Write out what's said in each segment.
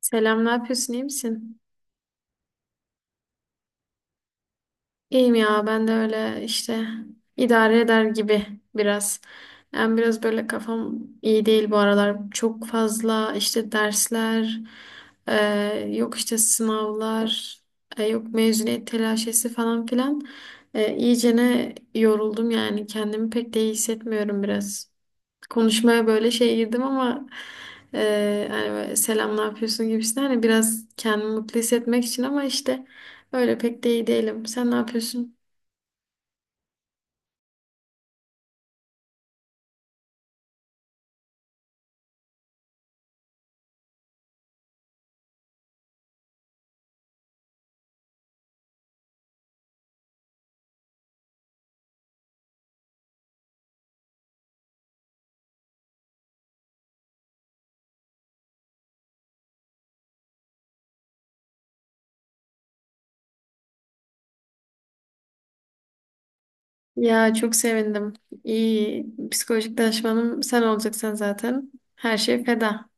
Selam, ne yapıyorsun, İyi misin? İyiyim ya, ben de öyle işte idare eder gibi biraz. Yani biraz böyle kafam iyi değil bu aralar. Çok fazla işte dersler, e, yok işte sınavlar, yok mezuniyet telaşesi falan filan. İyicene yoruldum yani kendimi pek de iyi hissetmiyorum biraz. Konuşmaya böyle şey girdim ama hani böyle selam ne yapıyorsun gibisinden hani biraz kendimi mutlu hissetmek için ama işte öyle pek de iyi değilim. Sen ne yapıyorsun? Ya çok sevindim. İyi psikolojik danışmanım sen olacaksın zaten. Her şey feda.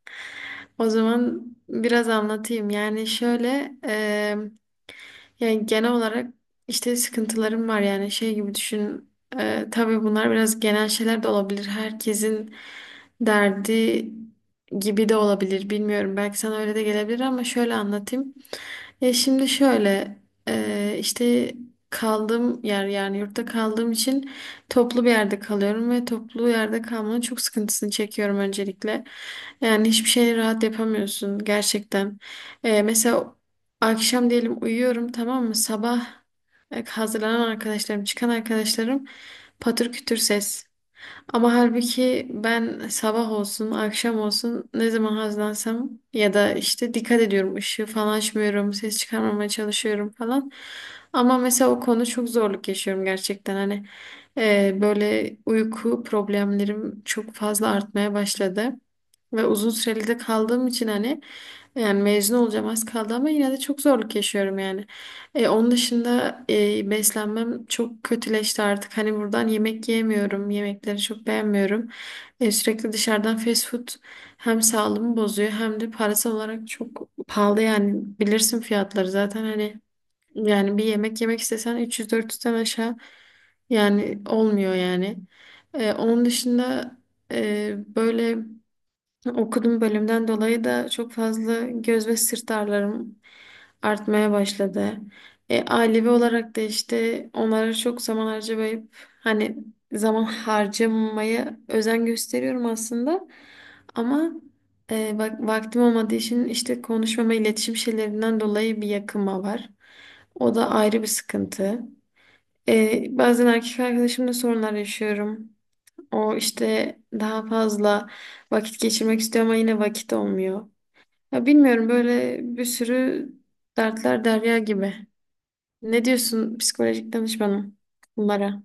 O zaman biraz anlatayım. Yani şöyle yani genel olarak işte sıkıntılarım var yani şey gibi düşün. Tabii bunlar biraz genel şeyler de olabilir. Herkesin derdi gibi de olabilir. Bilmiyorum. Belki sana öyle de gelebilir ama şöyle anlatayım. Ya şimdi şöyle işte kaldığım yer yani yurtta kaldığım için toplu bir yerde kalıyorum ve toplu yerde kalmanın çok sıkıntısını çekiyorum öncelikle. Yani hiçbir şeyi rahat yapamıyorsun gerçekten. Mesela akşam diyelim uyuyorum, tamam mı? Sabah hazırlanan arkadaşlarım, çıkan arkadaşlarım, patır kütür ses. Ama halbuki ben sabah olsun, akşam olsun ne zaman hazlansam ya da işte dikkat ediyorum, ışığı falan açmıyorum, ses çıkarmamaya çalışıyorum falan. Ama mesela o konu çok zorluk yaşıyorum gerçekten. Hani böyle uyku problemlerim çok fazla artmaya başladı. Ve uzun süreli de kaldığım için hani yani mezun olacağım az kaldı ama yine de çok zorluk yaşıyorum yani. Onun dışında beslenmem çok kötüleşti artık. Hani buradan yemek yiyemiyorum. Yemekleri çok beğenmiyorum. Sürekli dışarıdan fast food hem sağlığımı bozuyor hem de parasal olarak çok pahalı yani. Bilirsin fiyatları zaten, hani yani bir yemek yemek istesen 300-400'den aşağı yani olmuyor yani. Onun dışında böyle okuduğum bölümden dolayı da çok fazla göz ve sırt ağrılarım artmaya başladı. Ailevi olarak da işte onlara çok zaman harcamayıp hani zaman harcamamaya özen gösteriyorum aslında. Ama bak, vaktim olmadığı için işte konuşmama iletişim şeylerinden dolayı bir yakınma var. O da ayrı bir sıkıntı. Bazen erkek arkadaşımla sorunlar yaşıyorum. O işte daha fazla vakit geçirmek istiyor ama yine vakit olmuyor. Ya bilmiyorum, böyle bir sürü dertler derya gibi. Ne diyorsun psikolojik danışmanım bunlara?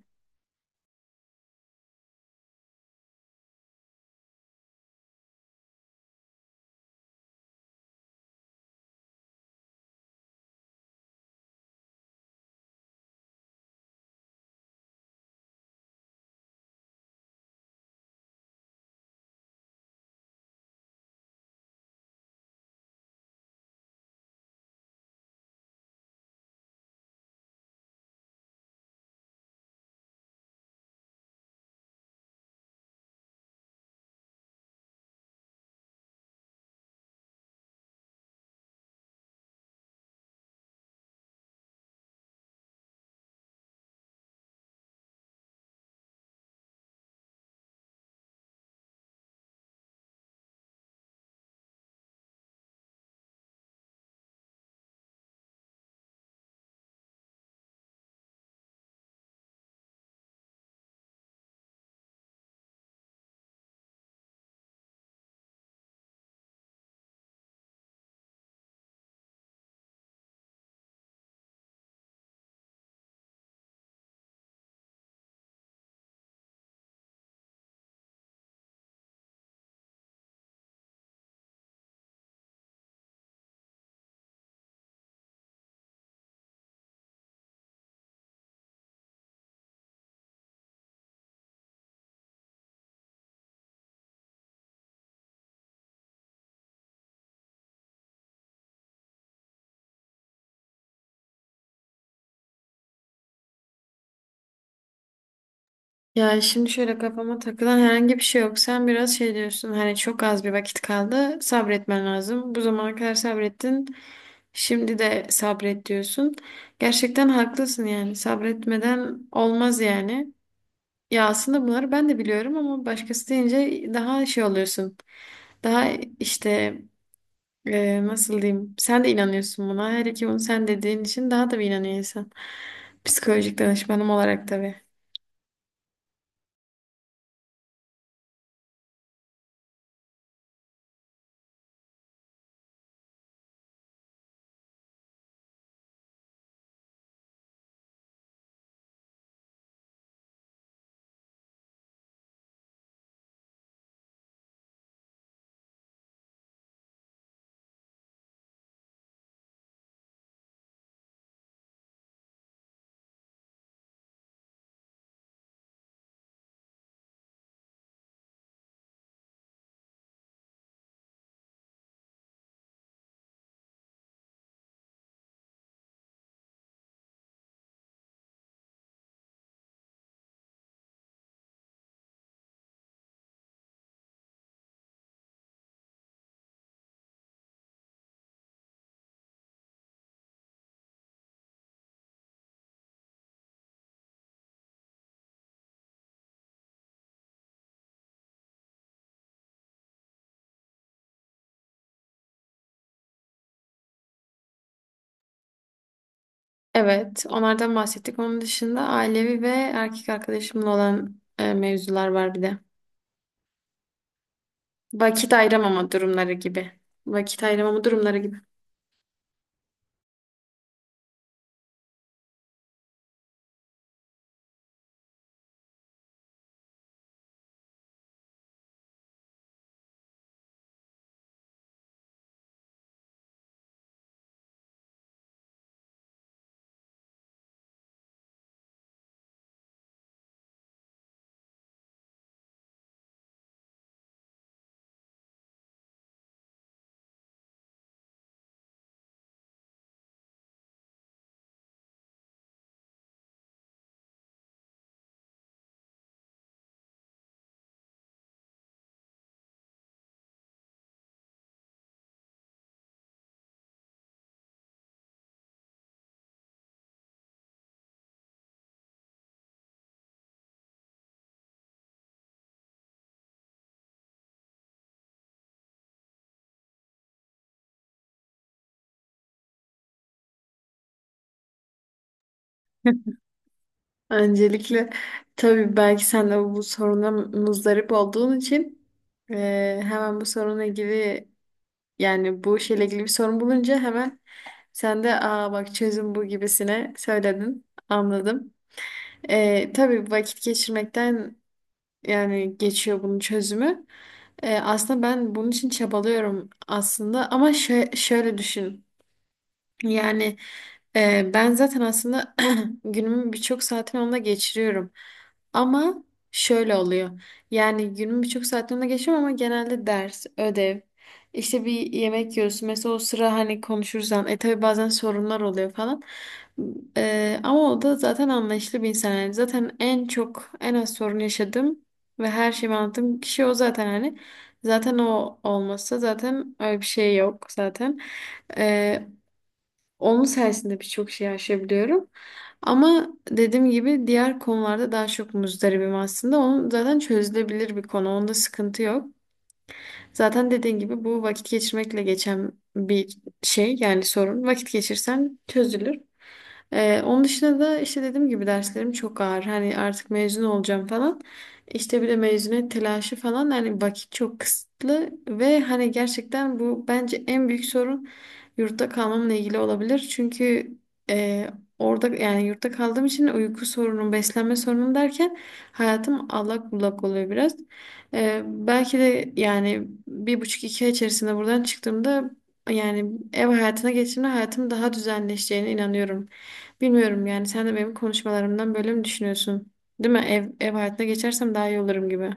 Ya şimdi şöyle, kafama takılan herhangi bir şey yok. Sen biraz şey diyorsun, hani çok az bir vakit kaldı, sabretmen lazım. Bu zamana kadar sabrettin, şimdi de sabret diyorsun. Gerçekten haklısın yani sabretmeden olmaz yani. Ya aslında bunları ben de biliyorum ama başkası deyince daha şey oluyorsun. Daha işte nasıl diyeyim? Sen de inanıyorsun buna. Her ki bunu sen dediğin için daha da bir inanıyor insan. Psikolojik danışmanım olarak tabii. Evet, onlardan bahsettik. Onun dışında ailevi ve erkek arkadaşımla olan mevzular var bir de. Vakit ayıramama durumları gibi. Vakit ayıramama durumları gibi. Öncelikle tabii belki sen de bu soruna muzdarip olduğun için hemen bu sorunla ilgili yani bu şeyle ilgili bir sorun bulunca hemen sen de aa bak çözüm bu gibisine söyledin. Anladım. Tabii vakit geçirmekten yani geçiyor bunun çözümü. Aslında ben bunun için çabalıyorum aslında ama şöyle düşün. Yani ben zaten aslında günümün birçok saatini onda geçiriyorum. Ama şöyle oluyor. Yani günümün birçok saatini onda geçiriyorum ama genelde ders, ödev, işte bir yemek yiyoruz. Mesela o sıra hani konuşuruz. E tabii bazen sorunlar oluyor falan. Ama o da zaten anlayışlı bir insan. Yani zaten en çok, en az sorun yaşadım ve her şeyi anlattığım kişi o zaten, hani. Zaten o olmasa zaten öyle bir şey yok zaten. Onun sayesinde birçok şey aşabiliyorum. Ama dediğim gibi diğer konularda daha çok muzdaribim aslında. Onun zaten çözülebilir bir konu. Onda sıkıntı yok. Zaten dediğin gibi bu vakit geçirmekle geçen bir şey yani, sorun. Vakit geçirsen çözülür. Onun dışında da işte dediğim gibi derslerim çok ağır. Hani artık mezun olacağım falan. İşte bir de mezuniyet telaşı falan. Yani vakit çok kısıtlı ve hani gerçekten bu bence en büyük sorun yurtta kalmamla ilgili olabilir. Çünkü e, orada yani yurtta kaldığım için uyku sorunum, beslenme sorunum derken hayatım allak bullak oluyor biraz. Belki de yani bir buçuk iki ay içerisinde buradan çıktığımda yani ev hayatına geçtiğimde hayatım daha düzenleşeceğine inanıyorum. Bilmiyorum yani sen de benim konuşmalarımdan böyle mi düşünüyorsun? Değil mi? Ev hayatına geçersem daha iyi olurum gibi.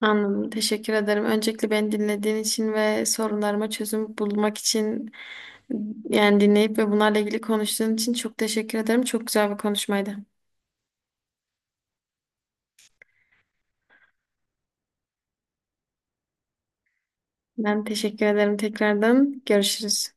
Anladım. Teşekkür ederim. Öncelikle beni dinlediğin için ve sorunlarıma çözüm bulmak için yani dinleyip ve bunlarla ilgili konuştuğun için çok teşekkür ederim. Çok güzel bir konuşmaydı. Ben teşekkür ederim tekrardan. Görüşürüz.